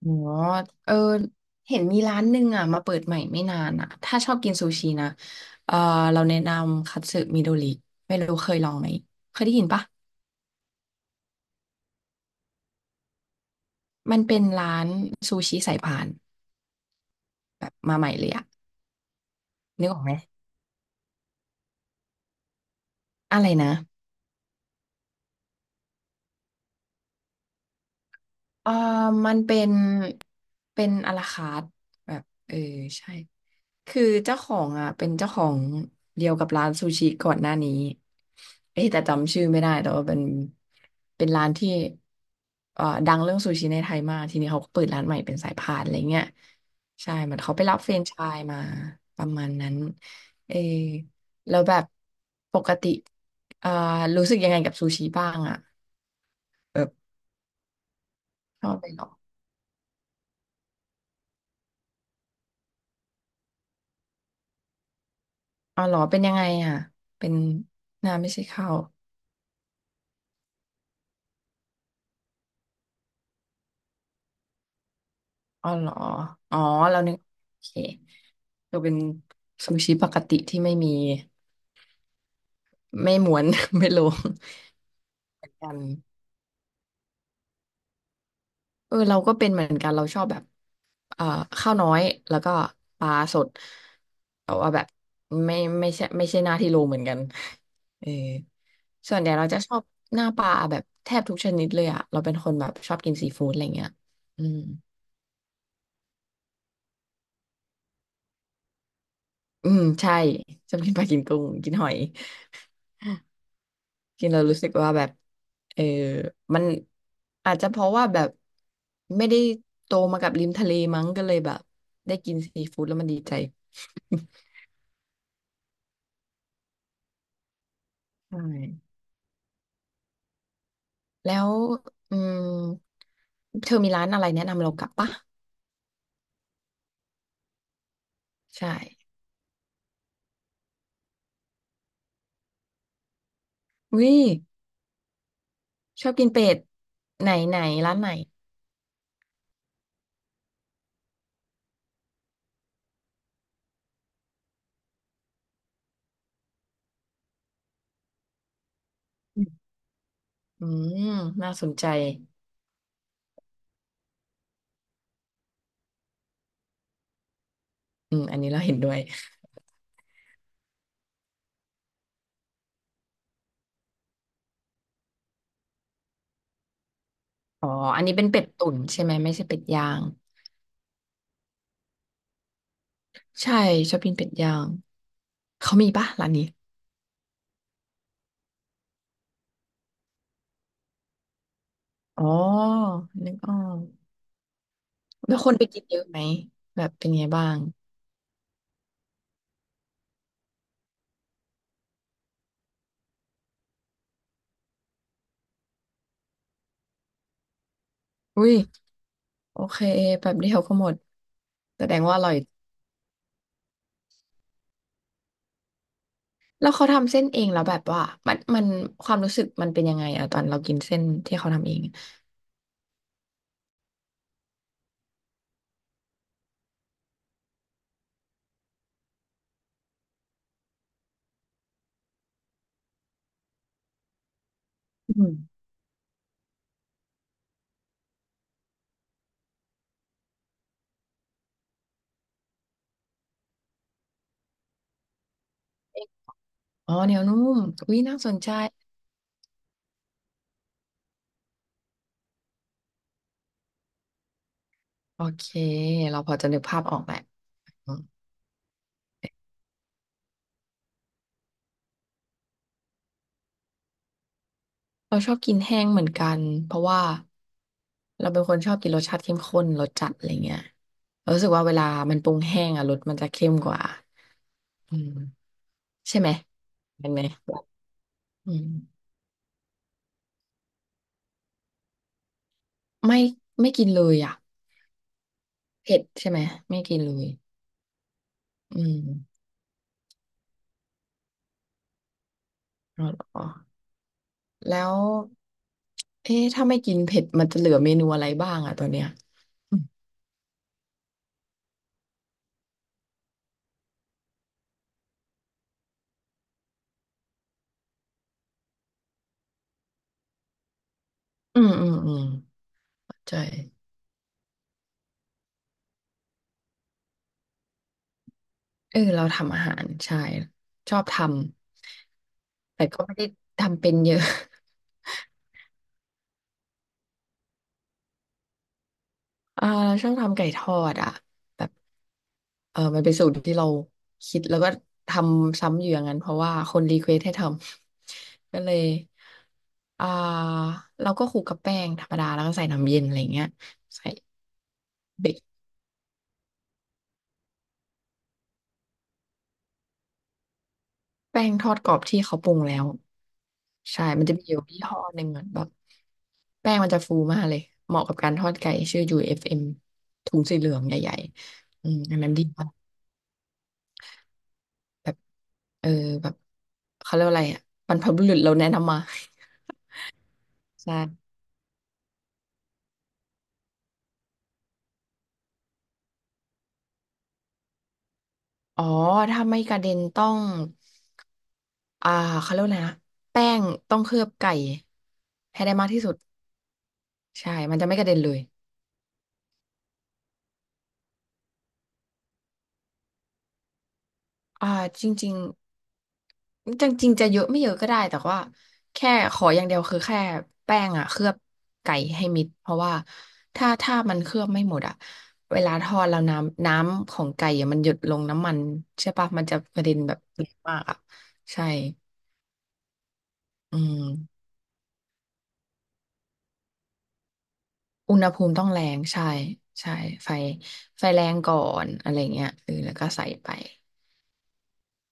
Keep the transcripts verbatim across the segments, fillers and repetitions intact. อ๋อเออเห็นมีร้านหนึ่งอ่ะมาเปิดใหม่ไม่นานอ่ะถ้าชอบกินซูชินะเออเราแนะนำคัตสึมิโดริไม่รู้เคยลองไหม เคยได้ยินปะมันเป็นร้านซูชิสายพานแบบมาใหม่เลยอ่ะนึกออกไหมอะไรนะเออมันเป็น เป็นอะลาคาร์ทแบบเออใช่ คือเจ้าของอ่ะเป็นเจ้าของเดียวกับร้านซูชิก่อนหน้านี้เอ้ยแต่จำชื่อไม่ได้แต่ว่าเป็นเป็นร้านที่เอ่อดังเรื่องซูชิในไทยมากทีนี้เขาก็เปิดร้านใหม่เป็นสายพานอะไรเงี้ยใช่เหมือนเขาไปรับแฟรนไชส์มาประมาณนั้นเออแล้วแบบปกติเอ่อรู้สึกยังไงกับซูชิบ้างอ่ะแบบชอบเลยเหรออ๋อเหรอเป็นยังไงอ่ะเป็นน้ำไม่ใช่ข้าว อ๋อเหรอ อ๋อเรานึกโอเคก็เป็นซูชิปกติที่ไม่มีไม่ม้วน ไม่โลงกันเออเราก็เป็นเหมือนกันเราชอบแบบเอ่อข้าวน้อยแล้วก็ปลาสดแต่ว่าแบบไม่ไม่ใช่ไม่ใช่หน้าที่โลเหมือนกันเออส่วนใหญ่เราจะชอบหน้าปลาแบบแทบทุกชนิดเลยอะเราเป็นคนแบบชอบกินซีฟู้ดอะไรเงี้ยอืมอืมใช่ชอบกินปลากินกุ้งกินหอย กินแล้วรู้สึกว่าแบบเออมันอาจจะเพราะว่าแบบไม่ได้โตมากับริมทะเลมั้งก็เลยแบบได้กินซีฟู้ดแล้วมันดีใจ ใช่แล้วอืมเธอมีร้านอะไรแนะนำเรากลับปะใช่วิชอบกินเป็ดไหนไหนร้านไหนอืมน่าสนใจอืมอันนี้เราเห็นด้วยอ๋ออันนี้เป็นเป็ดตุ๋นใช่ไหมไม่ใช่เป็ดย่างใช่ชอบกินเป็ดย่างเขามีปะร้านนี้ อ๋อนึกออกแล้วคนไปกินเยอะไหมแบบเป็นไงบ้างอุ้ยโอเคแบบเดียวก็หมดแสดงว่าอร่อยแล้วเขาทำเส้นเองแล้วแบบว่ามันมันความรู้สึกมันเป็นยังไงอะตอนเรากินเส้นที่เขาทำเองอืมอ๋อเหนียวนุ่มอุ้ยน่าสนใจโอเคเราพอจะนึกภาพออกแหละอืมเราชอบกินแห้งเหมือนกันเพราะว่าเราเป็นคนชอบกินรสชาติเข้มข้นรสจัดอะไรเงี้ยเรารู้สึกว่าเวลามันปรุงแห้งอะรสมันจะเข้มกว่าอืมใช่ไหม เป็นไหมอืมไม่ไม่กินเลยอ่ะเผ็ดใช่ไหมไม่กินเลยอืมอ๋อเหรอแล้วเอ๊ะถ้าไม่กินเผ็ดมันจะเหลือเมนูอะไรบ้างอ่ะตอนเนี้ยอืมอืมอืมอืมใช่เออเราทำอาหารใช่ชอบทำแต่ก็ไม่ได้ทำเป็นเยอะ อ่าเราชอบทำไก่ทอดอ่ะแบบ เออมันเป็นสูตรที่เราคิดแล้วก็ทำซ้ำอยู่อย่างนั้นเพราะว่าคนรีเควสให้ทำ ก็เลยอ่าเราก็คลุกกับแป้งธรรมดาแล้วก็ใส่น้ำเย็นอะไรเงี้ยใส่เบกแป้งทอดกรอบที่เขาปรุงแล้วใช่มันจะมีอยู่ยี่ห้อหนึ่งเหมือนแบบแป้งมันจะฟูมากเลยเหมาะกับการทอดไก่ชื่อ ยู เอฟ เอ็ม ถุงสีเหลืองใหญ่ๆอืมอันนั้นดีมากแบบเออแบบเขาเรียกว่าอะไรอ่ะบรรพบุรุษเราแนะนำมา ใช่ อ๋อถ้าไม่กระเด็นต้องอ่าเขาเรียกว่าอะไรนะแป้งต้องเคลือบไก่ให้ได้มากที่สุดใช่มันจะไม่กระเด็นเลยอ่าจริงๆจริงๆจะเยอะไม่เยอะก็ได้แต่ว่าแค่ขออย่างเดียวคือแค่แป้งอ่ะเคลือบไก่ให้มิดเพราะว่าถ้าถ้ามันเคลือบไม่หมดอ่ะเวลาทอดแล้วน้ำน้ำของไก่อะมันหยดลงน้ำมันใช่ปะมันจะกระเด็นแบบเยอะมากอ่ะใช่อืม อุณหภูมิต้องแรงใช่ใช่ไฟไฟแรงก่อนอะไรเงี้ยเออแล้วก็ใส่ไป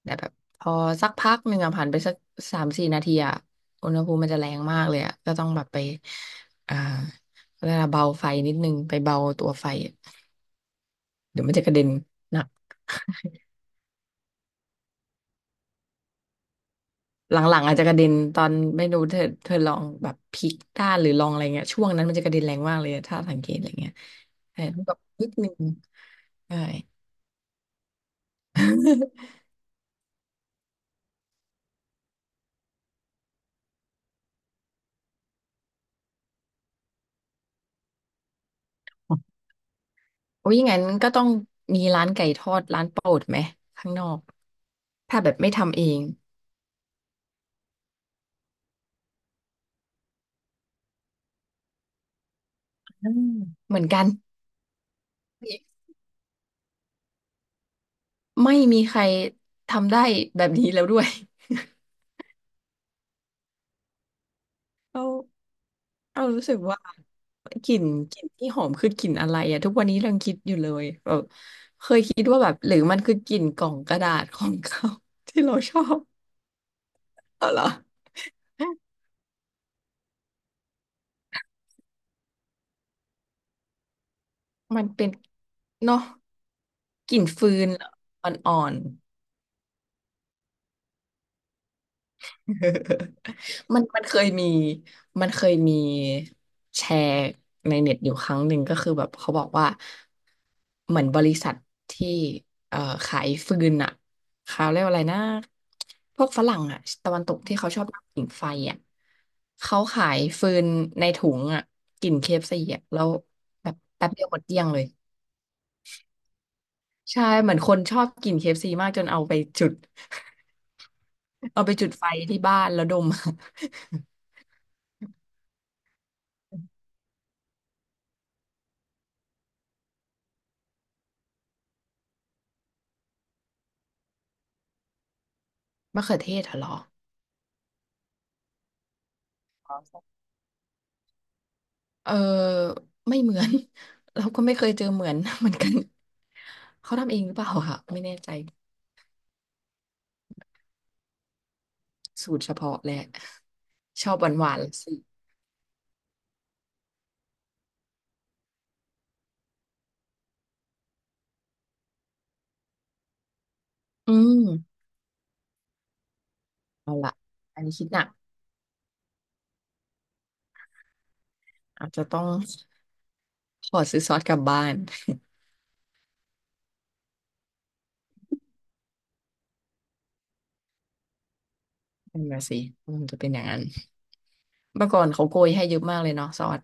แต่แบบพอสักพักหนึ่งอะผ่านไปสักสามสี่นาทีอะอุณหภูมิมันจะแรงมากเลยอะก็ต้องแบบไปอ่าเวลาเบาไฟนิดนึงไปเบาตัวไฟอะเดี๋ยวมันจะกระเด็นหนักหลังๆอาจจะกระเด็นตอนไม่รู้เธอเธอลองแบบพลิกด้านหรือลองอะไรเงี้ยช่วงนั้นมันจะกระเด็นแรงมากเลยถ้าสังเกตอะไรเงี้ยแต่แบบนิดนึงใช่ โอ้ยงั้นก็ต้องมีร้านไก่ทอดร้านโปรดไหมข้างนอกถ้าแบบไม่ทำเองอืมเหมือนกันไม่มีใครทำได้แบบนี้แล้วด้วย เราเรารู้สึกว่ากลิ่นกลิ่นที่หอมคือกลิ่นอะไรอะทุกวันนี้เรายังคิดอยู่เลยแบบเคยคิดว่าแบบหรือมันคือกลิ่นกล่องกระดาษ ของเขา ที่เราชอบเอาเหรอมันเป็นเนาะกลิ่นฟืนเหรออ่อน มันมันเคยมีมันเคยมีแชร์ในเน็ตอยู่ครั้งหนึ่งก็คือแบบเขาบอกว่าเหมือนบริษัทที่เอ่อขายฟืนอะเขาเรียกว่าอะไรนะพวกฝรั่งอะตะวันตกที่เขาชอบนั่งผิงไฟอะเขาขายฟืนในถุงอะกลิ่นเคเอฟซีอะแล้วแบบแป๊บเดียวหมดเกลี้ยงเลยใช่เหมือนคนชอบกินเคเอฟซีมากจนเอาไปจุดเอาไปจุดไฟที่บ้านแล้วดม มะเขือเทศเหรอ เออไม่เหมือน เราก็ไม่เคยเจอเหมือน เหมือนกันเขาทำเองหรือเปล่าค่ะไม่แน่ใจสูตรเฉพาะแหละชอบหวานหวานสิอืมเอาละอันนี้คิดหนักอาจจะต้องขอซื้อซอสกลับบ้านนั่นมาสิมันจะเป็นอย่างนั้นเมื่อก่อนเขาโกยให้เยอะมากเลยเนาะซอส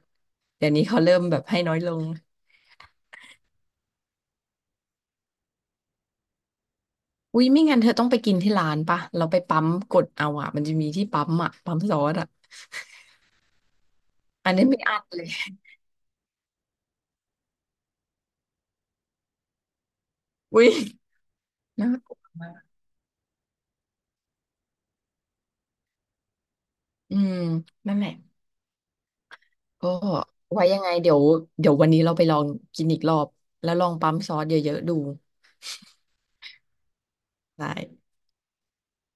เดี๋ยวนี้เขาเริ่มแบบให้น้อยลงอุ้ยไม่งั้นเธอต้องไปกินที่ร้านปะเราไปปั๊มกดเอาอะมันจะมีที่ปั๊มอะปั๊มซอสอะอันนี้ไม่อัดเลยอุ้ยน่ากลัว อืมนั่นแหละก็ไว้ยังไงเดี๋ยวเดี๋ยววันนี้เราไปลองกินอีกรอบแล้วลองปั๊มซอสเยอะๆดูได้